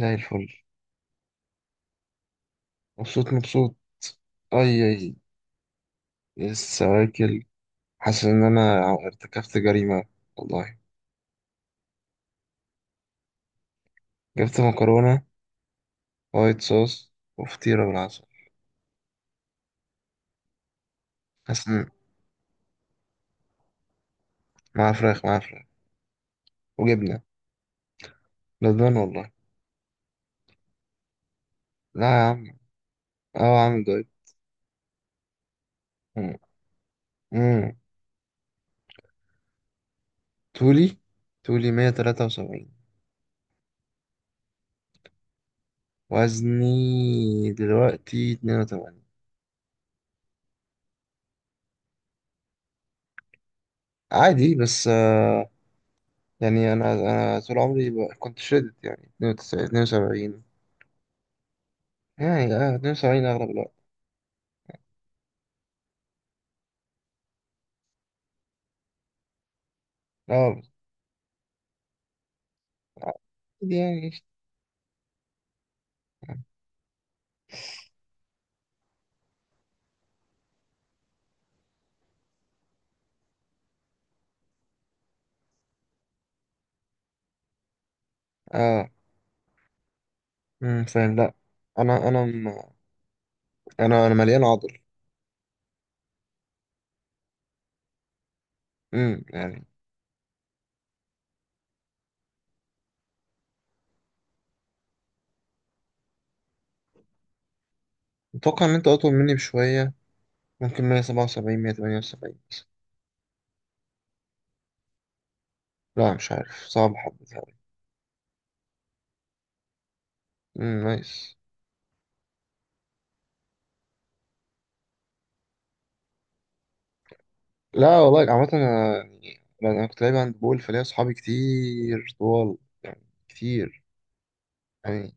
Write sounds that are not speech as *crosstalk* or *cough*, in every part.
زي الفل. مبسوط مبسوط. أي أي. لسه واكل. حاسس إن أنا ارتكبت جريمة والله. جبت مكرونة وايت صوص وفطيرة بالعسل. حاسس إن. مع فراخ مع فراخ وجبنة. ندمان والله. لا يا عم. أه عامل دايت. مم. مم. طولي طولي 173. وزني دلوقتي 82. عادي بس يعني أنا طول عمري كنت شدت يعني 92 72. يعني 72 اغلب الوقت. اه. دي اه فاهم لا. انا انا م- انا مليان عضل. يعني. متوقع ان انت اطول مني بشويه، ممكن 177 178. لا مش عارف، صعب حبة يعني. امم، نايس. لا والله، عامة انا يعني أنا كنت لعيب هاند بول، فليا صحابي كتير طوال. يعني كتير يعني.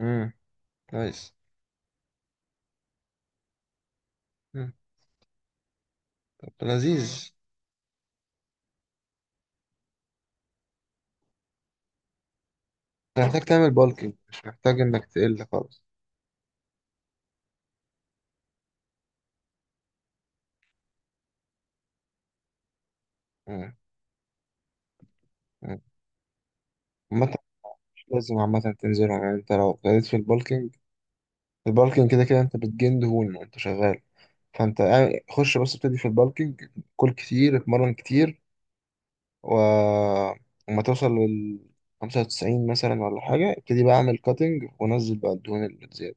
امم، نايس. امم طب لذيذ. انت محتاج تعمل بالكينج، مش محتاج انك تقل خالص. امم. أمم. عامة لازم عامة تنزلها، يعني انت لو ابتديت في البالكينج. البالكينج كده كده انت بتجن دهون وانت شغال. خش بس ابتدي في البالكينج. كل كتير، اتمرن كتير. و... وما توصل لل 95 مثلا ولا حاجة، ابتدي بقى اعمل كاتنج ونزل بقى الدهون اللي تزيادة.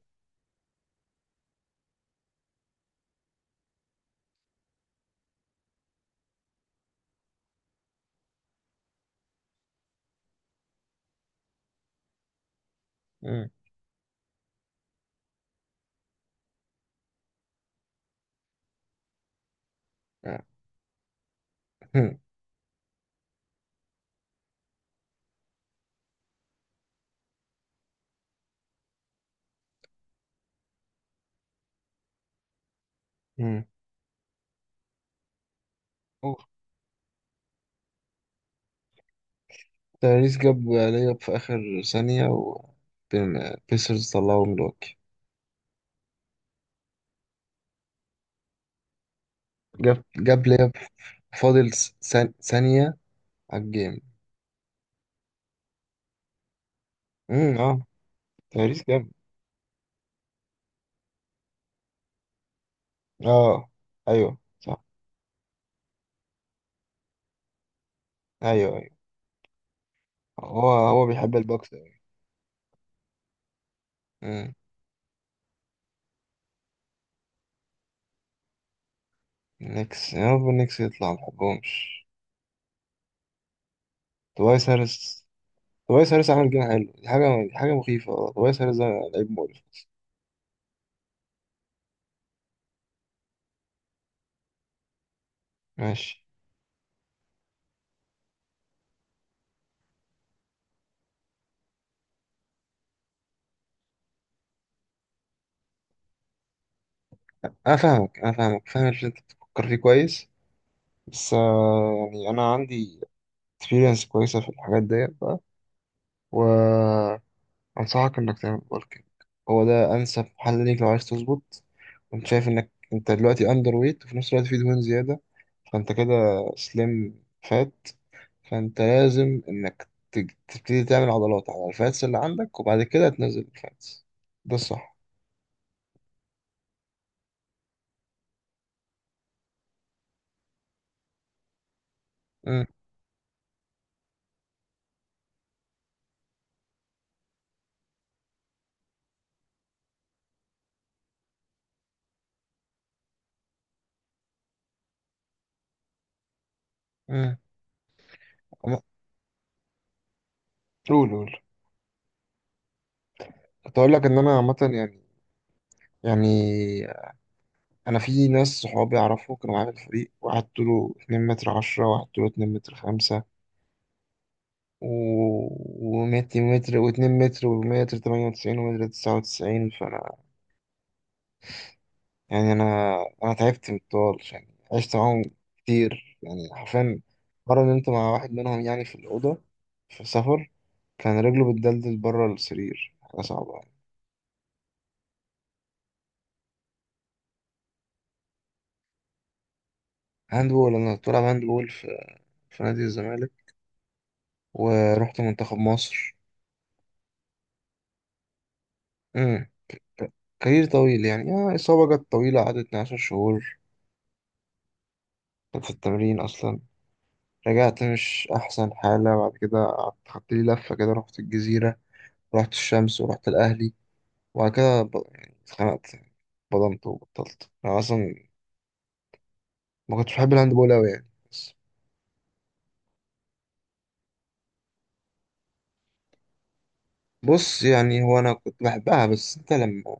مم. مم. مم. أوف. تاريس جاب لياب في آخر ثانية. بيسرز طلعوا ملواكي. جاب لياب. فاضل س- ثانية على الجيم. امم اه تاريس جاب. اه ايوه صح. ايوه ايوه. هو بيحب البوكس أوي. مم. نيكس، يا رب النكس يطلع، ما بحبهمش. توايس هاريس. توايس هاريس عامل جيم حلو. دي حاجة، دي حاجة مخيفة والله. توايس هاريس ده لعيب مقرف. ماشي. أنا فاهمك أنا فاهمك، فاهم اللي أنت بتفكر فيه كويس. بس يعني أنا عندي experience كويسة في الحاجات ديت بقى، و أنصحك إنك تعمل بالكينج. هو ده أنسب حل ليك لو عايز تظبط. وأنت شايف إنك أنت دلوقتي أندر ويت، وفي نفس الوقت في دهون زيادة. فأنت كده سليم فات. فأنت لازم إنك تبتدي تعمل عضلات على الفاتس اللي عندك، وبعد كده تنزل الفاتس. ده الصح. أمم. أمم. أما- قول قول. كنت أقول لك إن أنا عامة يعني أنا في ناس صحابي أعرفه كانوا معايا في الفريق، واحد طوله 2 متر 10، واحد طوله 2 متر 5. و... ومتر متر واتنين متر ومتر تمانية وتسعين ومتر تسعة وتسعين، فأنا. يعني أنا تعبت من الطوال، يعني عشت معاهم كتير يعني، حرفيا. مرة نمت مع واحد منهم يعني، في الأوضة، في سفر. كان رجله بتدلدل بره السرير، حاجة صعبة يعني. هاند بول. أنا كنت بلعب هاند بول في نادي الزمالك. ورحت منتخب مصر. امم. كارير طويل يعني، إصابة جت طويلة، قعدت 12 شهور. كنت في التمرين أصلا. رجعت مش أحسن حالة، بعد كده قعدت خدت لي لفة كده، رحت الجزيرة. رحت الشمس ورحت الأهلي. وبعد كده يعني اتخنقت. بضمت وبطلت أنا أصلا. ما كنتش بحب الهاند بول أوي يعني، بس. بص يعني، هو أنا كنت بحبها، بس أنت لما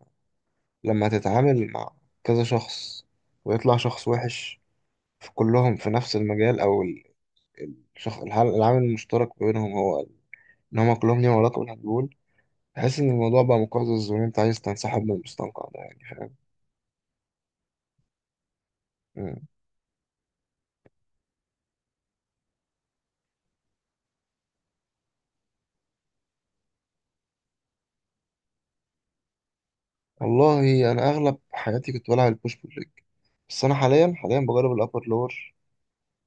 لما تتعامل مع كذا شخص، ويطلع شخص وحش في كلهم، في نفس المجال، أو الشخص العامل المشترك بينهم، هو إن هما كلهم ليهم علاقة بالهاند بول، تحس إن الموضوع بقى مقزز، وإن أنت عايز تنسحب من المستنقع ده يعني. فاهم. والله انا اغلب حياتي كنت بلعب البوش بول ليج. بس انا حاليا بجرب الابر لور.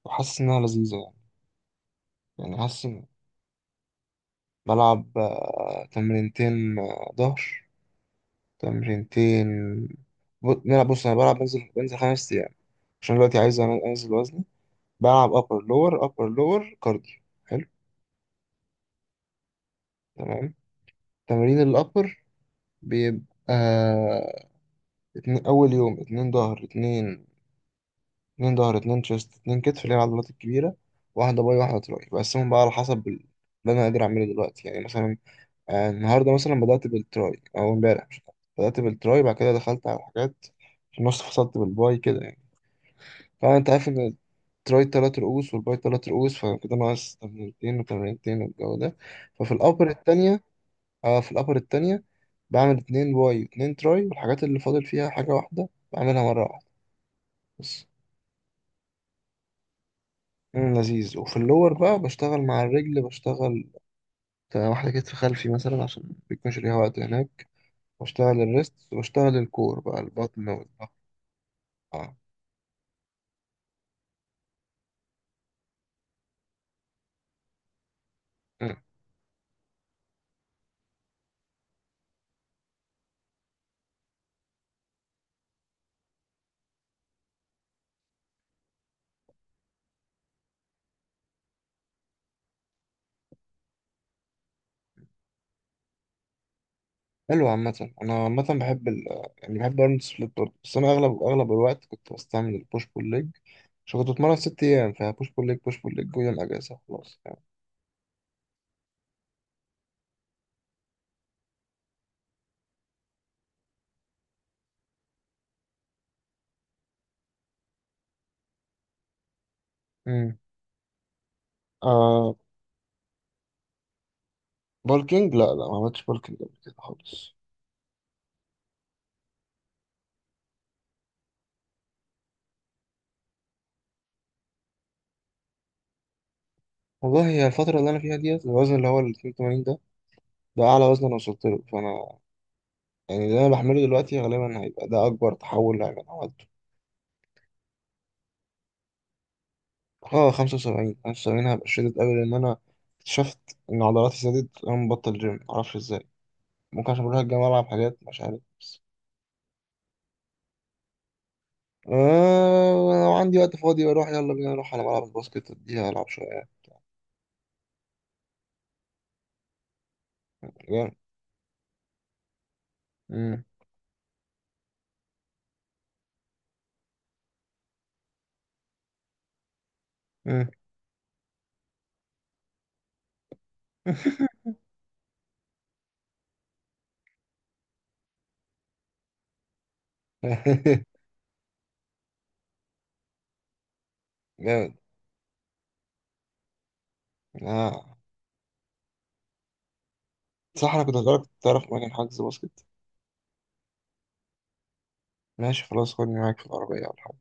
وحاسس انها لذيذه يعني. يعني حاسس إن. بلعب تمرينتين، ظهر. تمرينتين نلعب. بص انا بلعب، بنزل 5 ايام عشان دلوقتي عايز انزل وزني. بلعب ابر لور، ابر لور كارديو. حلو. تمام. تمرين الابر بيبقى اتنين اول يوم، اتنين ظهر اتنين، اتنين ظهر اتنين شيست، اتنين كتف، اللي هي العضلات الكبيرة. واحدة باي واحدة تراي، بقسمهم بقى على حسب اللي أنا قادر أعمله دلوقتي، يعني مثلا النهاردة مثلا بدأت بالتراي أو امبارح، مش عارف. بدأت بالتراي، بعد كده دخلت على الحاجات، في النص فصلت بالباي كده يعني. طبعا أنت عارف إن التراي تلات رؤوس والباي تلات رؤوس، فكده ناقص تمرينتين وتمرينتين، والجو ده. ففي الأبر التانية اه في الأبر التانية بعمل اتنين باي واتنين تراي، والحاجات اللي فاضل فيها، حاجة واحدة بعملها مرة واحدة بس. لذيذ. وفي اللور بقى بشتغل مع الرجل، بشتغل بتاع واحدة كتف خلفي مثلا، عشان بيكون ليها وقت هناك. بشتغل الريست، وبشتغل الكور بقى، البطن والظهر. اه. مم. حلو. عامة أنا عامة بحب ال آه، يعني بحب أرنولد سبليت برضه، بس أنا أغلب الوقت كنت بستعمل البوش بول ليج. عشان كنت بتمرن 6 أيام، فبوش بول ليج بوش بول ليج، ويوم أجازة خلاص يعني. مم. آه. بولكينج، لا لا، ما عملتش بولكينج قبل كده خالص. والله هي الفترة اللي أنا فيها ديت، الوزن اللي هو ال 82 ده، ده أعلى وزن أنا وصلت له. فأنا يعني اللي أنا بعمله دلوقتي غالبا هيبقى ده أكبر تحول هيبقى أنا عملته. اه 75، 75 هبقى شديد أوي، لأن أنا اكتشفت إن عضلاتي زادت وأنا مبطل جيم، معرفش إزاي. ممكن عشان بروح الجامعة ألعب حاجات، مش عارف، بس. آه لو عندي وقت فاضي بروح، يلا بينا نروح على ملعب الباسكت، أديها ألعب شوية. جامد. مم. مم. *laughs* جامد. آه صح، أنا كنت هسألك، تعرف مكان حجز باسكت. ماشي خلاص، خدني معاك في العربية ولا حاجة.